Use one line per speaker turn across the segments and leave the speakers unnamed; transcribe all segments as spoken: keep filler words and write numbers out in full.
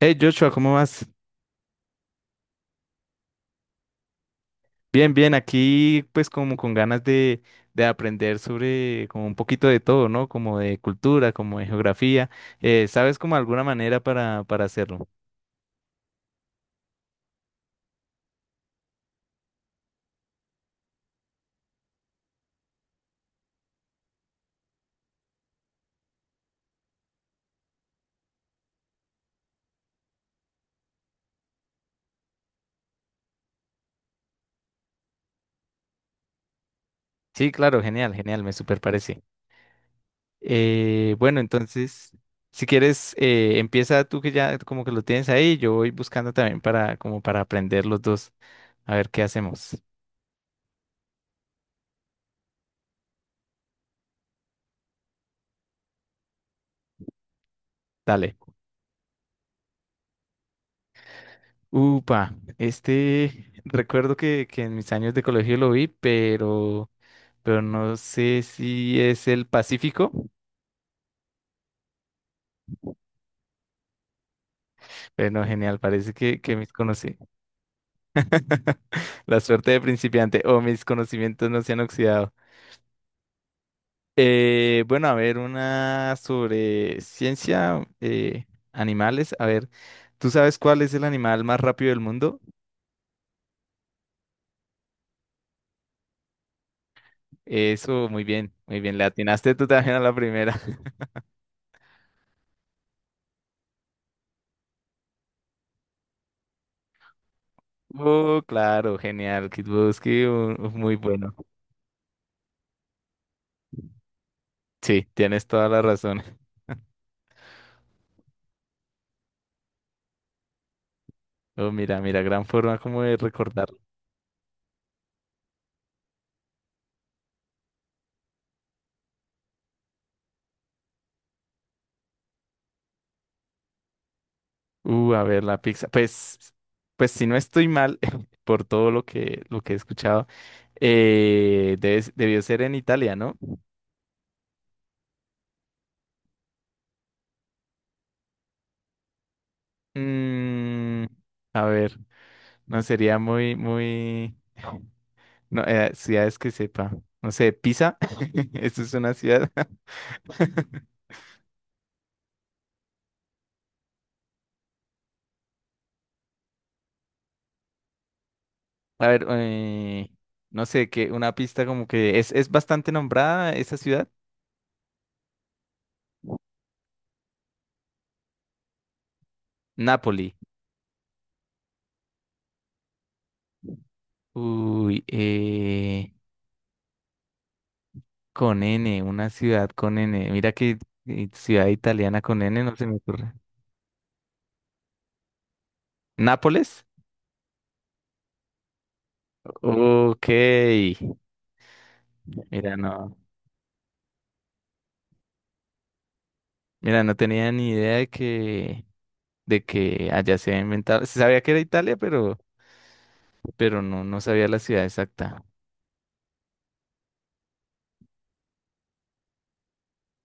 Hey Joshua, ¿cómo vas? Bien, bien, aquí pues como con ganas de, de aprender sobre como un poquito de todo, ¿no? Como de cultura, como de geografía. Eh, ¿sabes como alguna manera para, para hacerlo? Sí, claro, genial, genial, me super parece. Eh, bueno, entonces, si quieres, eh, empieza tú que ya como que lo tienes ahí, yo voy buscando también para como para aprender los dos. A ver qué hacemos. Dale. Upa, este recuerdo que, que en mis años de colegio lo vi, pero... pero no sé si es el Pacífico. Bueno, genial, parece que, que mis conocí. La suerte de principiante o mis conocimientos no se han oxidado. Eh, bueno, a ver, una sobre ciencia, eh, animales. A ver, ¿tú sabes cuál es el animal más rápido del mundo? Eso, muy bien, muy bien. Le atinaste tú también a la primera. Oh, claro, genial, Kit Buski, uh, muy bueno. Sí, tienes toda la razón. Oh, mira, mira, gran forma como de recordar. Uh, a ver, la pizza. Pues, pues si no estoy mal por todo lo que, lo que he escuchado, eh, debes- debió ser en Italia, ¿no? Mm, a ver, no sería muy, muy. No, eh, ciudades que sepa. No sé, Pisa. Eso es una ciudad. A ver, eh, no sé, que una pista como que es, es bastante nombrada esa ciudad. Nápoli. Uy, eh... Con N, una ciudad con N. Mira que eh, ciudad italiana con N no se me ocurre. ¿Nápoles? Ok. Mira, no. Mira, no tenía ni idea de que, de que allá se había inventado. Se sabía que era Italia, pero, pero no, no sabía la ciudad exacta.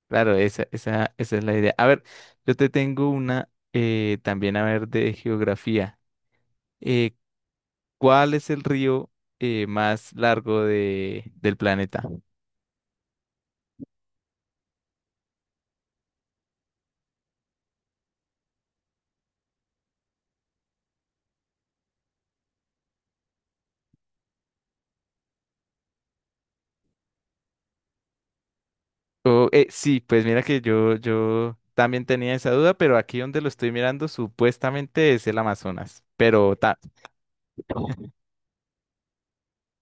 Claro, esa, esa, esa es la idea. A ver, yo te tengo una eh, también, a ver, de geografía. Eh, ¿Cuál es el río eh, más largo de, del planeta? Oh, eh, sí, pues mira que yo, yo también tenía esa duda, pero aquí donde lo estoy mirando supuestamente es el Amazonas. pero ta-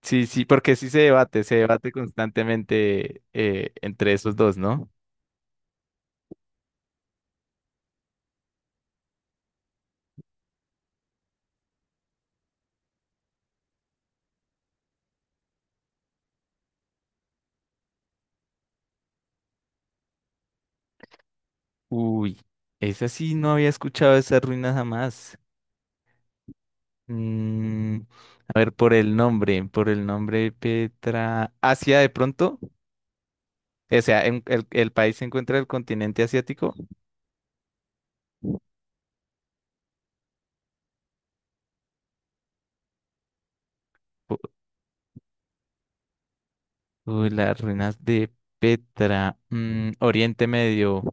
Sí, sí, porque sí se debate, se debate constantemente eh, entre esos dos, ¿no? Uy, esa sí no había escuchado esa ruina jamás. Mm, a ver, por el nombre, por el nombre Petra. ¿Asia de pronto? O sea, en- el, el país se encuentra en el continente asiático. U- Uy, las ruinas de Petra. Mm, Oriente Medio.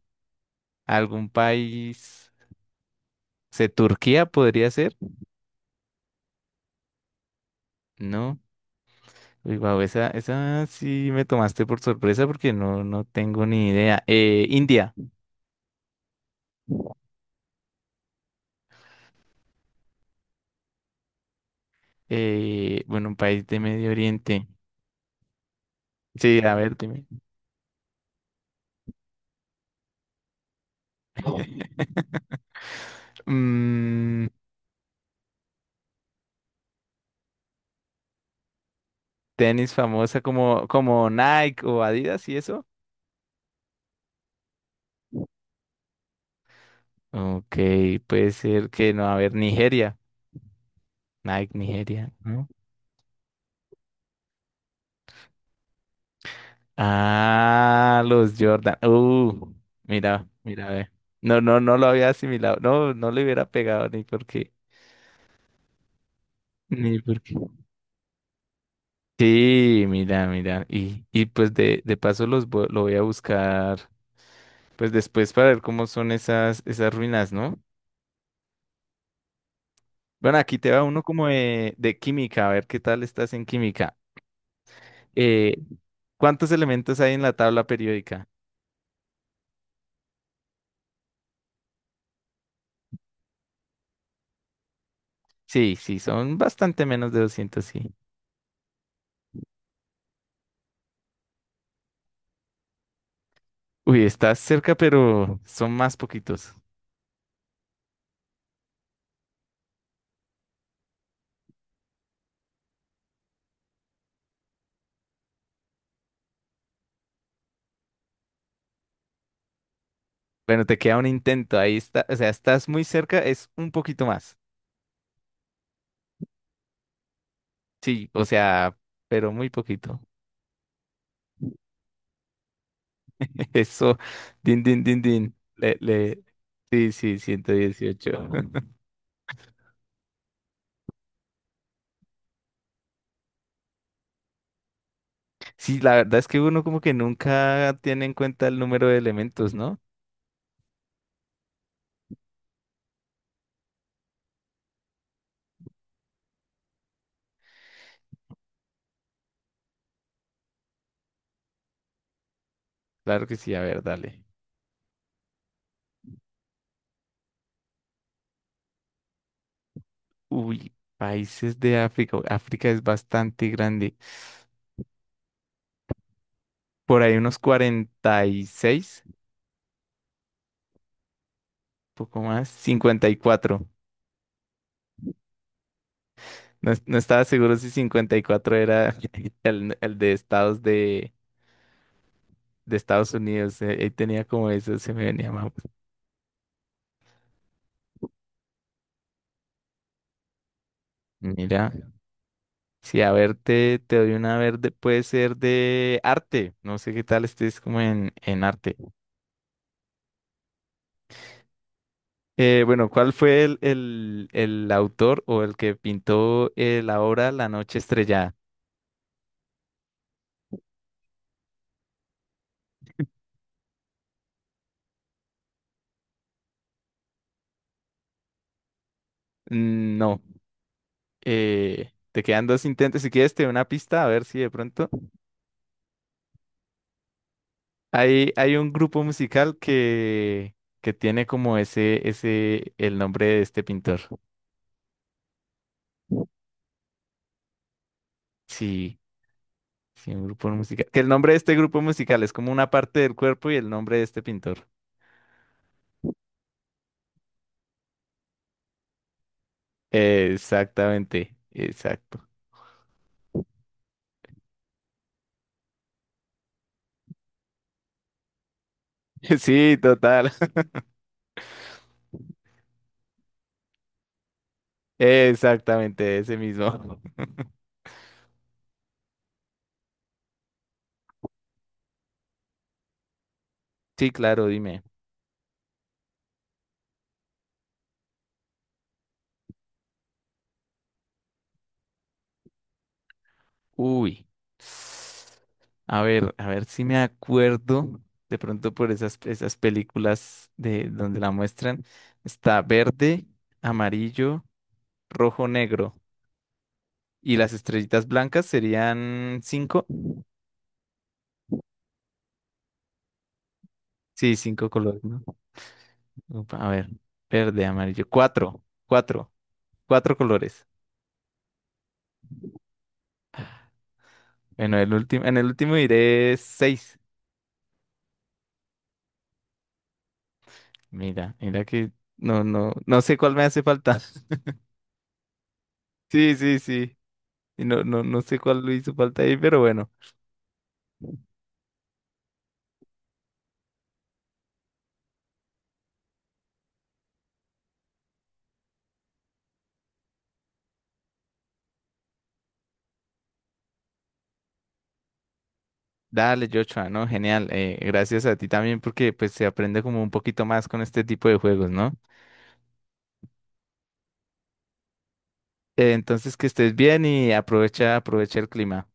¿Algún país? ¿Se Turquía podría ser? No. Uy, wow, esa, esa sí me tomaste por sorpresa porque no, no tengo ni idea. Eh, India. Eh, bueno, un país de Medio Oriente. Sí, a ver, dime. Mm, tenis famosa como, como Nike o Adidas y eso. Ok, puede ser que no, a ver, Nigeria. Nike, Nigeria, ¿no? Ah, los Jordan. Uh, mira, mira, ve. No, no, no lo había asimilado. No, no le hubiera pegado ni porque, ni porque. Sí, mira, mira. Y, y pues de, de paso los vo- lo voy a buscar, pues después para ver cómo son esas, esas ruinas, ¿no? Bueno, aquí te va uno como de, de química, a ver qué tal estás en química. Eh, ¿cuántos elementos hay en la tabla periódica? Sí, sí, son bastante menos de doscientos. Sí. Uy, estás cerca, pero son más poquitos. Bueno, te queda un intento, ahí está, o sea, estás muy cerca, es un poquito más. Sí, o sea, pero muy poquito. Eso, din, din, din, din. Le, le... Sí, sí, ciento dieciocho. Sí, la verdad es que uno como que nunca tiene en cuenta el número de elementos, ¿no? Claro que sí, a ver, dale. Uy, países de África. Uy, África es bastante grande. Por ahí unos cuarenta y seis, poco más, cincuenta y cuatro. No, es- no estaba seguro si cincuenta y cuatro era el, el de estados de, de Estados Unidos. eh, Ahí tenía como eso, se me venía más. Mira, si a ver, te, te doy una verde, puede ser de arte. No sé qué tal estés como en, en arte. Eh, bueno, ¿cuál fue el, el, el autor o el que pintó eh, la obra La Noche Estrellada? Mm, no, eh, te quedan dos intentos. Si quieres, te doy una pista, a ver si de pronto. Hay, hay un grupo musical que, que tiene como ese, ese, el nombre de este pintor. Sí, sí, un grupo musical. Que el nombre de este grupo musical es como una parte del cuerpo y el nombre de este pintor. Exactamente, exacto. Sí, total. Exactamente, ese mismo. Sí, claro, dime. Uy. A ver, a ver si me acuerdo. De pronto por esas, esas películas de donde la muestran. Está verde, amarillo, rojo, negro. Y las estrellitas blancas serían cinco. Sí, cinco colores, ¿no? Upa, a ver, verde, amarillo. Cuatro, cuatro, cuatro colores. Bueno, el último, en el último diré seis. Mira, mira que no, no, no sé cuál me hace falta. Sí, sí, sí. Y no, no, no sé cuál le hizo falta ahí, pero bueno. Dale, Joshua, ¿no? Genial. eh, gracias a ti también porque pues se aprende como un poquito más con este tipo de juegos, ¿no? Eh, entonces que estés bien y aprovecha, aprovecha el clima.